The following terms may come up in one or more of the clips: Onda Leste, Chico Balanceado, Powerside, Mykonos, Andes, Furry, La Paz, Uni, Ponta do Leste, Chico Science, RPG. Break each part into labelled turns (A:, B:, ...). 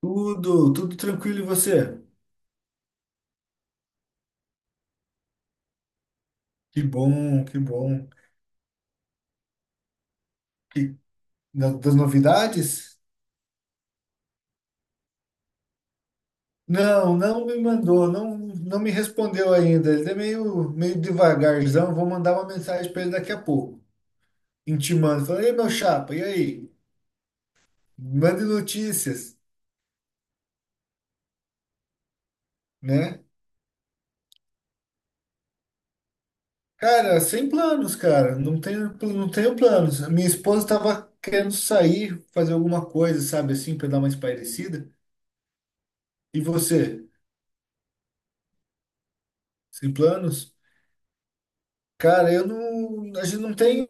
A: Tudo, tranquilo e você? Que bom, que bom. que Das novidades? Não, não me mandou, não me respondeu ainda. Ele é meio devagarzão. Vou mandar uma mensagem para ele daqui a pouco, intimando. Falando, ei, meu chapa, e aí? Mande notícias, né? Cara, sem planos, cara. Não tenho planos. A minha esposa estava querendo sair, fazer alguma coisa, sabe assim, para dar uma espairecida. E você? Sem planos? Cara, eu não. A gente não tem.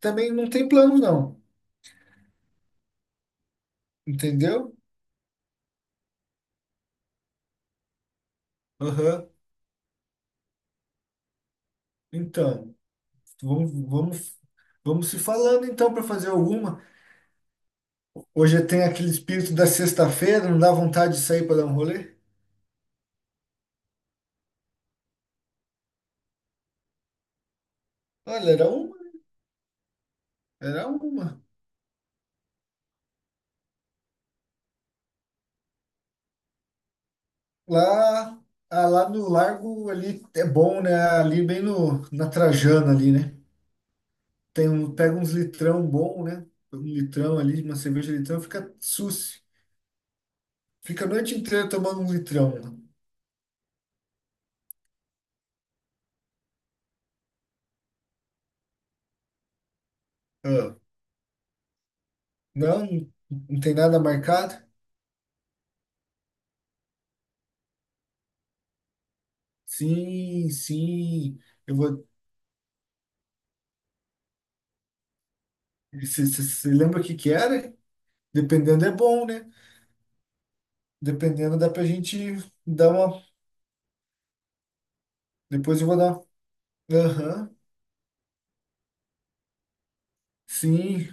A: Também não tem plano, não. Entendeu? Aham. Então, vamos, vamos, vamos se falando então para fazer alguma. Hoje tem aquele espírito da sexta-feira, não dá vontade de sair para dar um rolê? Olha, era uma. Lá, ah, lá no Largo ali é bom, né? Ali bem no, na Trajana ali, né? Tem um, pega uns litrão bom, né? Um litrão ali, uma cerveja litrão, fica susse. Fica a noite inteira tomando um litrão, né? Ah, não, não tem nada marcado? Sim, sim. Eu vou. Você lembra o que que era? Dependendo é bom, né? Dependendo dá pra gente dar uma. Depois eu vou dar. Aham, sim.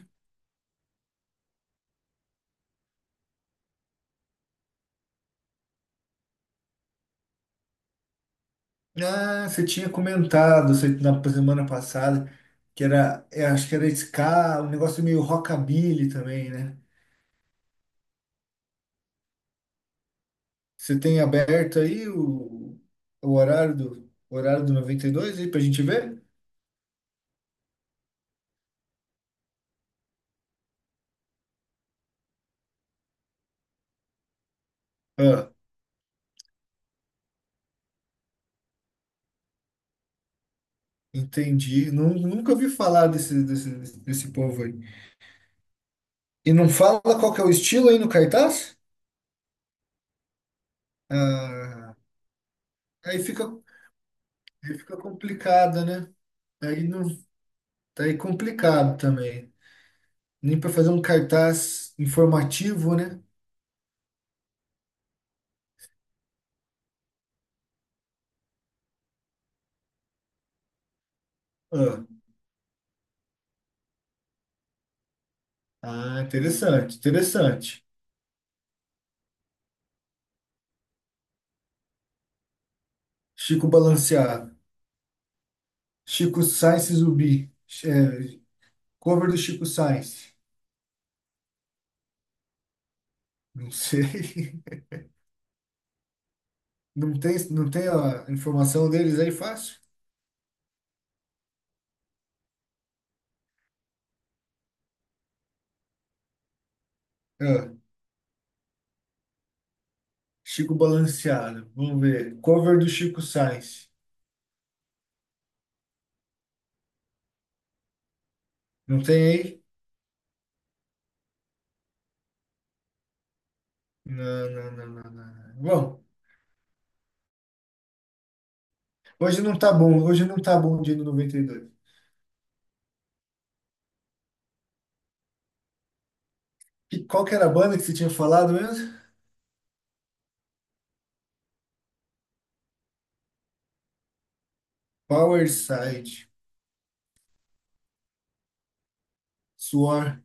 A: Ah, você tinha na semana passada que era, acho que era ska, um negócio meio rockabilly também, né? Você tem aberto aí o horário o horário do 92 aí pra gente ver? Ah, entendi. Nunca ouvi falar desse povo aí. E não fala qual que é o estilo aí no cartaz? Ah, aí fica, aí fica complicado, né? Aí não, tá aí complicado também. Nem para fazer um cartaz informativo, né? Ah, ah, interessante, interessante. Chico Balanceado. Chico Science Zumbi. É, cover do Chico Science. Não sei. Não tem a informação deles aí fácil? Ah. Chico Balanceado. Vamos ver. Cover do Chico Sainz. Não tem aí? Não. Bom, hoje não tá bom. Hoje não tá bom o dia do 92. E dois. E qual que era a banda que você tinha falado mesmo? Powerside. Suor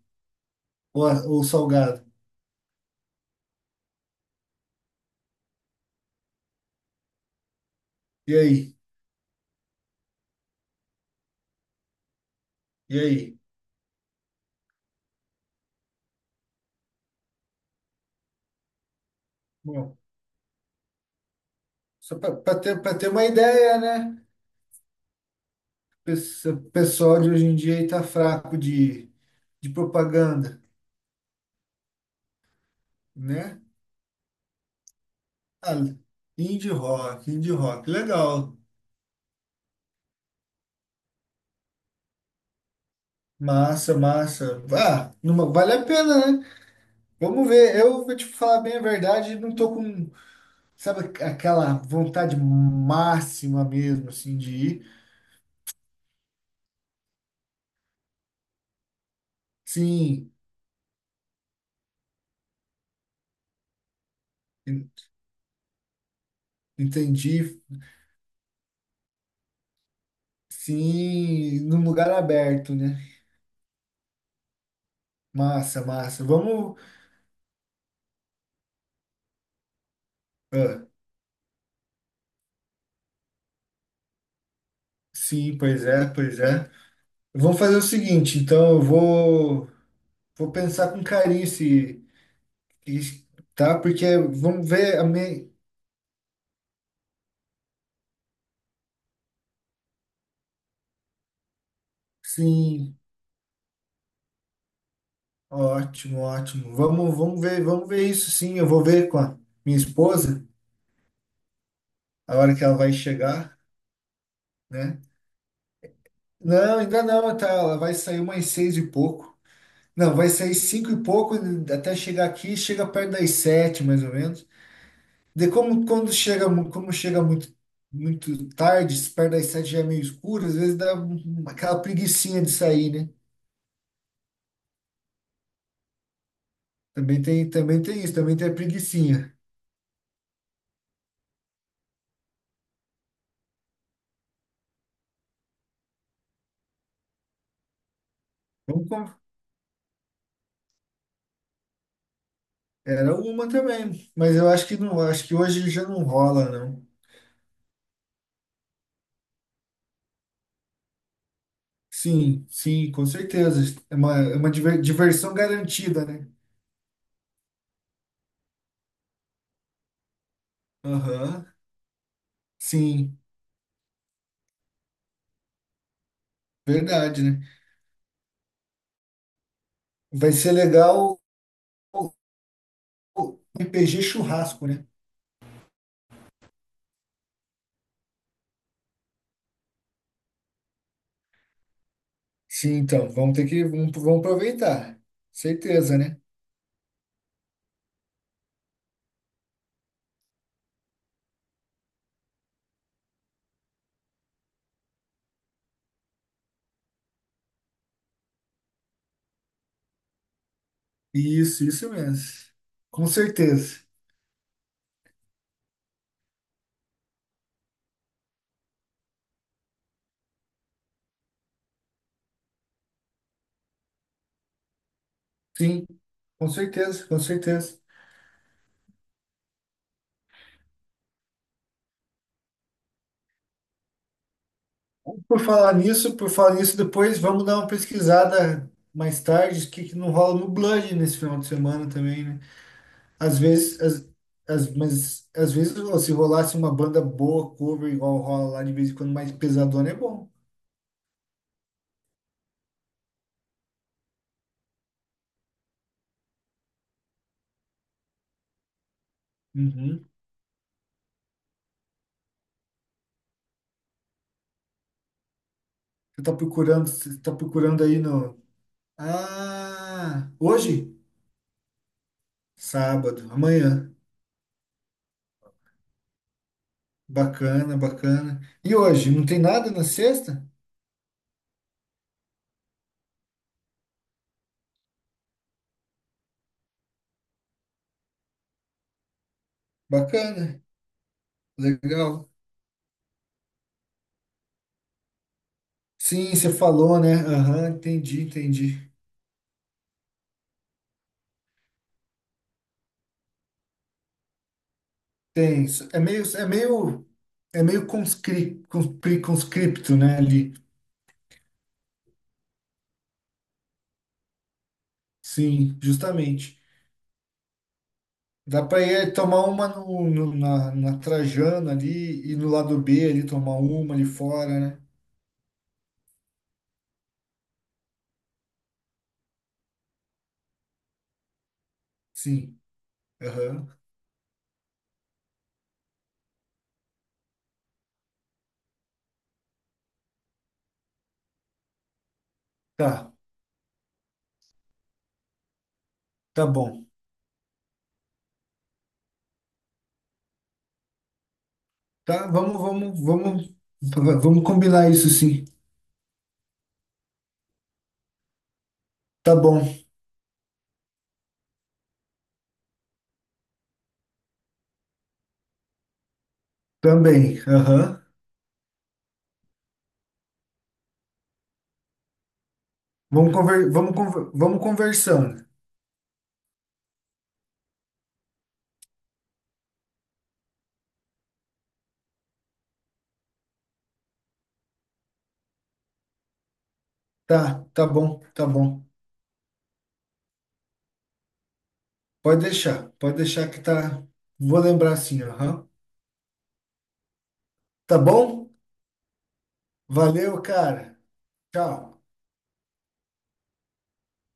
A: ou, ou Salgado. E aí? E aí? Bom, só para ter uma ideia, né? O pessoal de hoje em dia aí tá fraco de propaganda, né? Ah, indie rock, indie rock. Legal. Massa, massa. Ah, numa, vale a pena, né? Vamos ver. Eu vou te falar bem a verdade, não tô com, sabe, aquela vontade máxima mesmo, assim, de ir. Sim, en- entendi. Sim, num lugar aberto, né? Massa, massa. Vamos. Ah, sim, pois é, pois é. Vamos fazer o seguinte, então vou pensar com carinho se- tá? Porque vamos ver a minha. Sim, ótimo, ótimo. Vamos ver isso sim. Eu vou ver com a minha esposa a hora que ela vai chegar, né? Não, ainda não, tá, ela vai sair umas seis e pouco. Não, vai sair cinco e pouco até chegar aqui, chega perto das sete, mais ou menos. De como quando chega, mu- como chega muito tarde, se perto das sete já é meio escuro, às vezes dá aquela preguicinha de sair, né? Também tem isso, também tem a preguicinha. Vamos, con- Era uma também, mas eu acho que não, acho que hoje já não rola, não. Sim, sim, com certeza. É uma diversão garantida, né? Aham, sim, verdade, né? Vai ser legal o o RPG churrasco, né? Sim, então, vamos ter que, vamos, vamos aproveitar. Certeza, né? Isso mesmo. Com certeza. Sim, com certeza, com certeza. Por falar nisso, depois vamos dar uma pesquisada mais tarde, o que que não rola no Blood nesse final de semana também, né? Às vezes, às, às- mas às vezes ó, se rolasse uma banda boa, cover igual rola lá de vez em quando, mais pesadona é bom. Uhum. Você tá procurando aí no. Ah, hoje? Sábado, amanhã. Bacana, bacana. E hoje? Não tem nada na sexta? Bacana, legal. Sim, você falou, né? Aham, entendi, entendi. Tem isso. É meio conscripto, né, ali. Sim, justamente. Dá para ir é, tomar uma na Trajano ali e no lado B ali tomar uma ali fora, né? Sim. Aham. Tá, tá bom. Tá, vamos combinar isso sim. Tá bom, também. Aham. Vamos conversando. Tá bom. Pode deixar que tá. Vou lembrar sim, aham. Tá bom? Valeu, cara. Tchau.